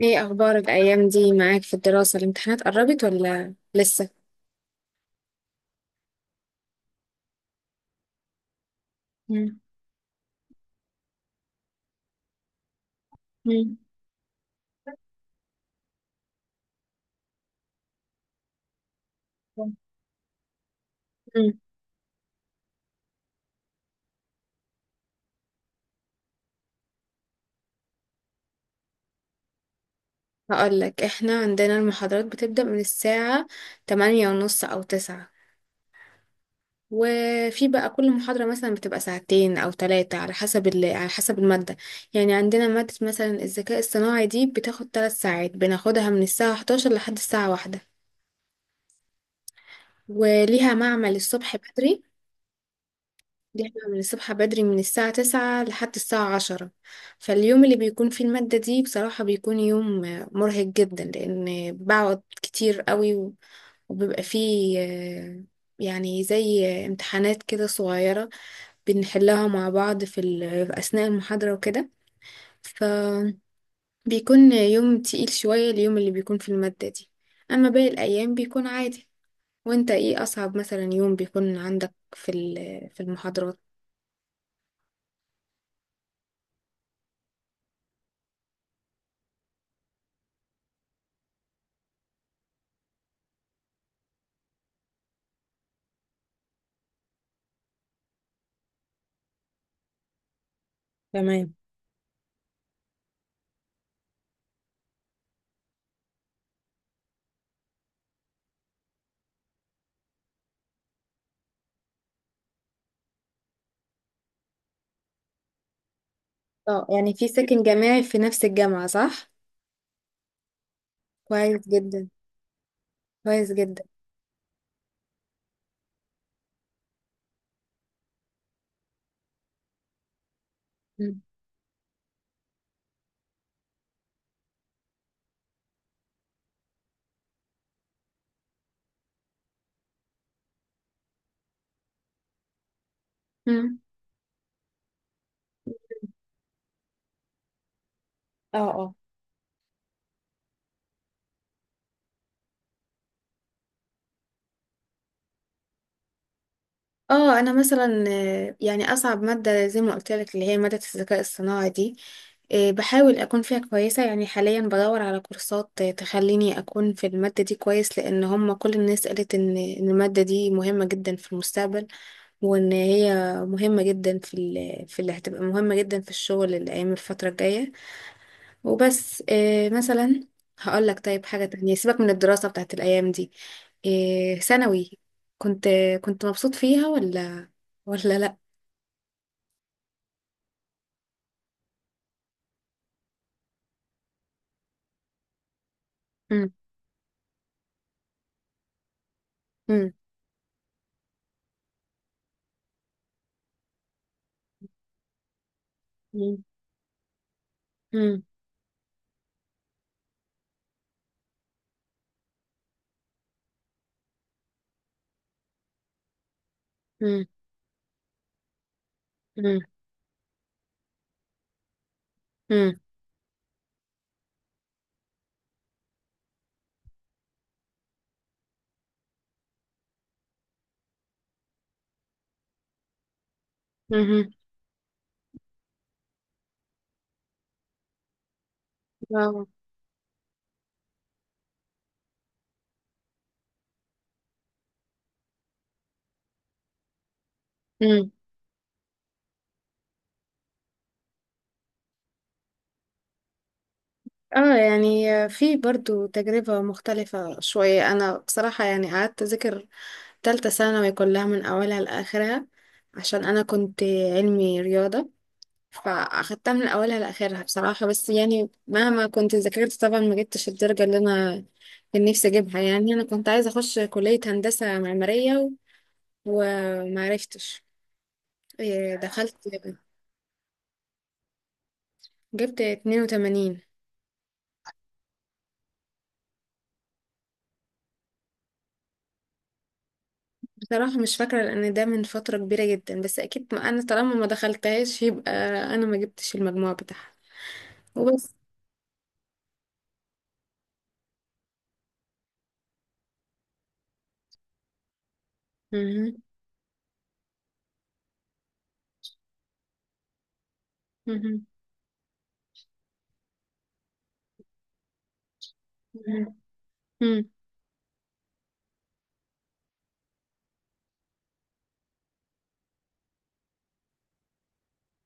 ايه اخبار الايام دي معاك في الدراسة؟ الامتحانات قربت ولا لسه؟ مم. مم. امم هقول لك، احنا عندنا المحاضرات بتبدأ من الساعة تمانية ونص او تسعة. وفي بقى كل محاضرة مثلا بتبقى ساعتين او ثلاثة على حسب على حسب المادة. يعني عندنا مادة مثلا الذكاء الصناعي دي بتاخد ثلاث ساعات، بناخدها من الساعة 11 لحد الساعة واحدة، وليها معمل الصبح بدري. دي احنا بنصحى بدري من الساعة تسعة لحد الساعة عشرة. فاليوم اللي بيكون فيه المادة دي بصراحة بيكون يوم مرهق جدا، لأن بقعد كتير قوي وبيبقى فيه يعني زي امتحانات كده صغيرة بنحلها مع بعض في أثناء المحاضرة وكده. فبيكون يوم تقيل شوية اليوم اللي بيكون في المادة دي. أما باقي الأيام بيكون عادي. وانت ايه أصعب مثلا يوم بيكون عندك في المحاضرات؟ تمام. اه، يعني في سكن جامعي في نفس الجامعة، صح؟ كويس جدا. كويس جدا. مم. مم. اه، اه. اه، انا مثلا يعني اصعب مادة زي ما قلت لك اللي هي مادة الذكاء الصناعي دي، بحاول اكون فيها كويسة. يعني حاليا بدور على كورسات تخليني اكون في المادة دي كويس، لان هم كل الناس قالت إن المادة دي مهمة جدا في المستقبل، وان هي مهمة جدا في اللي هتبقى مهمة جدا في الشغل الايام الفترة الجاية. وبس إيه مثلا، هقول لك طيب حاجة تانية. سيبك من الدراسة بتاعت الأيام دي، إيه ثانوي؟ كنت كنت مبسوط فيها ولا ولا لأ؟ مم، مم، مم، مم، مم، مم، مم، مم، واو. مم. اه، يعني في برضو تجربة مختلفة شوية. أنا بصراحة يعني قعدت أذاكر تالتة ثانوي كلها من أولها لآخرها، عشان أنا كنت علمي رياضة. فاخدتها من اولها لاخرها بصراحه. بس يعني مهما كنت ذاكرت طبعا ما جبتش الدرجه اللي انا كان نفسي اجيبها. يعني انا كنت عايزه اخش كليه هندسه معماريه وما عرفتش. إيه، دخلت، جبت 82. بصراحه مش فاكره لان ده من فتره كبيره جدا، بس اكيد ما انا طالما ما دخلتهاش يبقى انا ما جبتش المجموع بتاعها. وبس. مهم. مهم. مهم.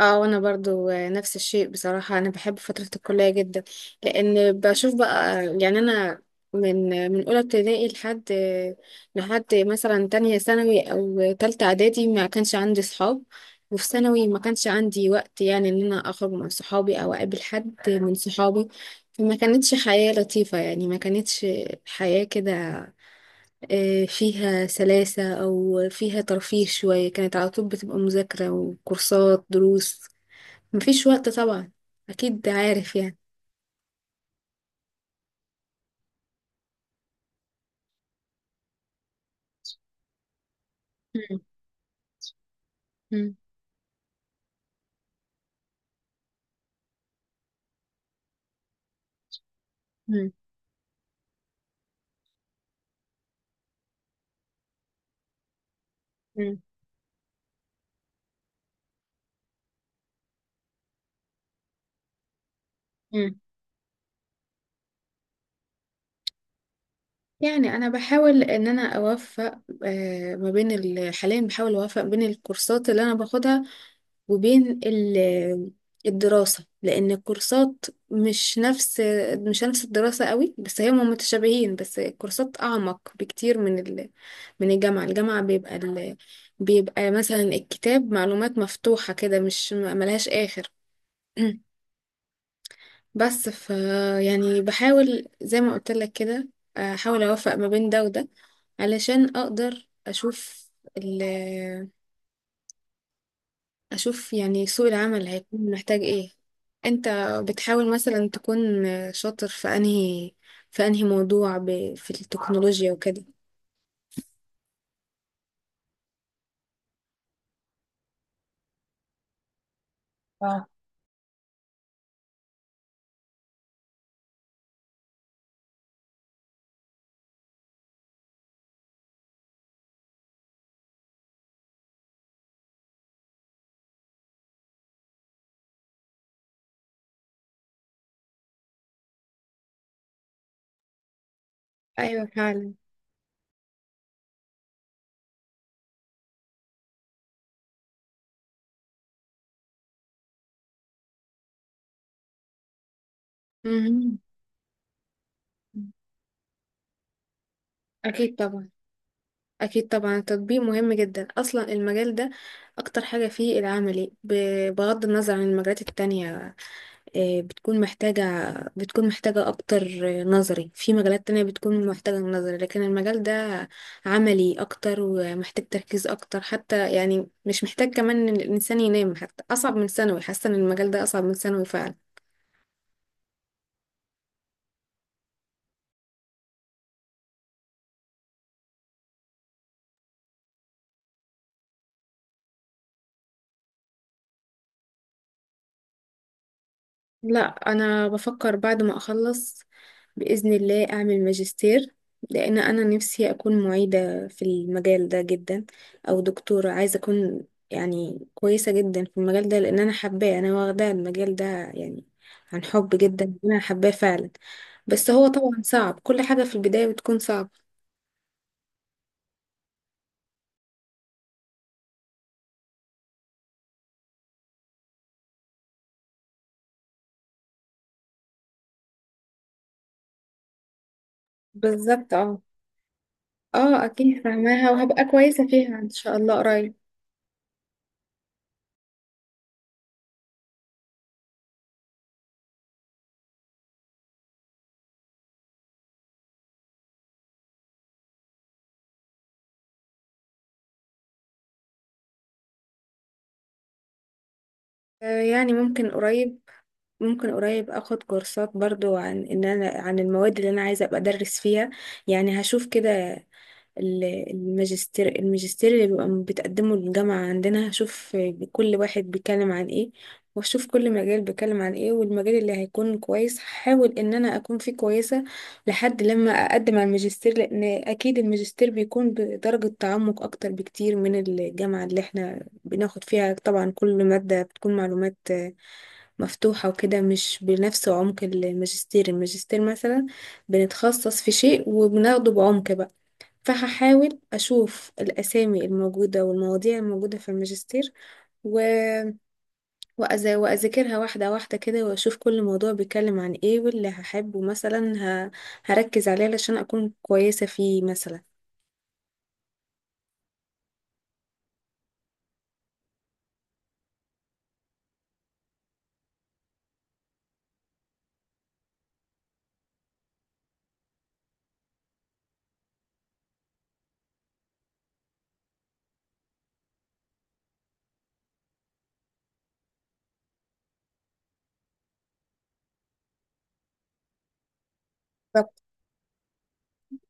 اه، وانا برضو نفس الشيء. بصراحة انا بحب فترة الكلية جدا، لان بشوف بقى. يعني انا من اولى ابتدائي لحد لحد مثلا تانية ثانوي او تالتة اعدادي ما كانش عندي صحاب. وفي ثانوي ما كانش عندي وقت يعني ان انا اخرج مع صحابي او اقابل حد من صحابي. فما كانتش حياة لطيفة، يعني ما كانتش حياة كده فيها سلاسة او فيها ترفيه شوية. كانت على طول بتبقى مذاكرة وكورسات دروس، مفيش وقت طبعا، اكيد عارف يعني. مم. مم. مم. مم. مم. يعني انا بحاول ان انا اوفق ما بين حاليا بحاول اوفق بين الكورسات اللي انا باخدها وبين الدراسة. لان الكورسات مش نفس مش نفس الدراسة قوي، بس هم متشابهين. بس الكورسات اعمق بكتير من الجامعة. الجامعة بيبقى مثلا الكتاب معلومات مفتوحة كده مش ملهاش اخر. بس ف يعني بحاول زي ما قلت لك كده، احاول اوفق ما بين ده وده علشان اقدر اشوف ال اشوف يعني سوق العمل هيكون محتاج ايه. انت بتحاول مثلا تكون شاطر في انهي في انهي موضوع في التكنولوجيا وكده؟ اه، ايوه فعلا. مهم. اكيد طبعا، اكيد طبعا التطبيق مهم جدا. اصلا المجال ده اكتر حاجه فيه العملي، بغض النظر عن المجالات التانية. آه، بتكون محتاجة بتكون محتاجة أكتر نظري في مجالات تانية بتكون محتاجة نظري، لكن المجال ده عملي أكتر ومحتاج تركيز أكتر حتى. يعني مش محتاج كمان إن الإنسان ينام. حتى أصعب من ثانوي، حاسة إن المجال ده أصعب من ثانوي فعلا. لا، أنا بفكر بعد ما أخلص بإذن الله أعمل ماجستير، لأن أنا نفسي أكون معيدة في المجال ده جدا، أو دكتورة. عايزة أكون يعني كويسة جدا في المجال ده، لأن أنا حباه. أنا واخدة المجال ده يعني عن حب جدا، أنا حباه فعلا. بس هو طبعا صعب، كل حاجة في البداية بتكون صعبة. بالظبط، اه. اه أكيد فاهماها، وهبقى كويسة فيها إن شاء الله قريب. يعني ممكن قريب، ممكن قريب اخد كورسات برضو عن ان انا عن المواد اللي انا عايزه ابقى ادرس فيها. يعني هشوف كده ال- الماجستير اللي بيبقى بتقدمه الجامعة عندنا. هشوف كل واحد بيتكلم عن ايه، واشوف كل مجال بيتكلم عن ايه، والمجال اللي هيكون كويس هحاول ان انا اكون فيه كويسة لحد لما اقدم على الماجستير. لان اكيد الماجستير بيكون بدرجة تعمق اكتر بكتير من الجامعة. اللي احنا بناخد فيها طبعا كل مادة بتكون معلومات مفتوحة وكده، مش بنفس عمق الماجستير. الماجستير مثلا بنتخصص في شيء وبناخده بعمق بقى. فهحاول أشوف الأسامي الموجودة والمواضيع الموجودة في الماجستير و... وأذاكرها واحدة واحدة كده، وأشوف كل موضوع بيتكلم عن إيه، واللي هحبه مثلا ه... هركز عليه علشان أكون كويسة فيه مثلا.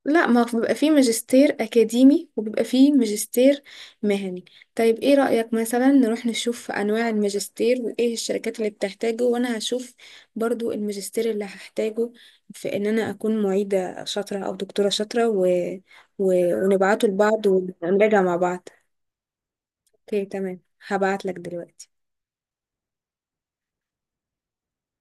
لا، ما هو بيبقى فيه ماجستير أكاديمي وبيبقى فيه ماجستير مهني. طيب إيه رأيك مثلا نروح نشوف أنواع الماجستير وإيه الشركات اللي بتحتاجه، وأنا هشوف برضو الماجستير اللي هحتاجه في إن أنا أكون معيدة شاطرة أو دكتورة شاطرة، و... ونبعته لبعض ونراجع مع بعض. أوكي تمام، هبعت لك دلوقتي.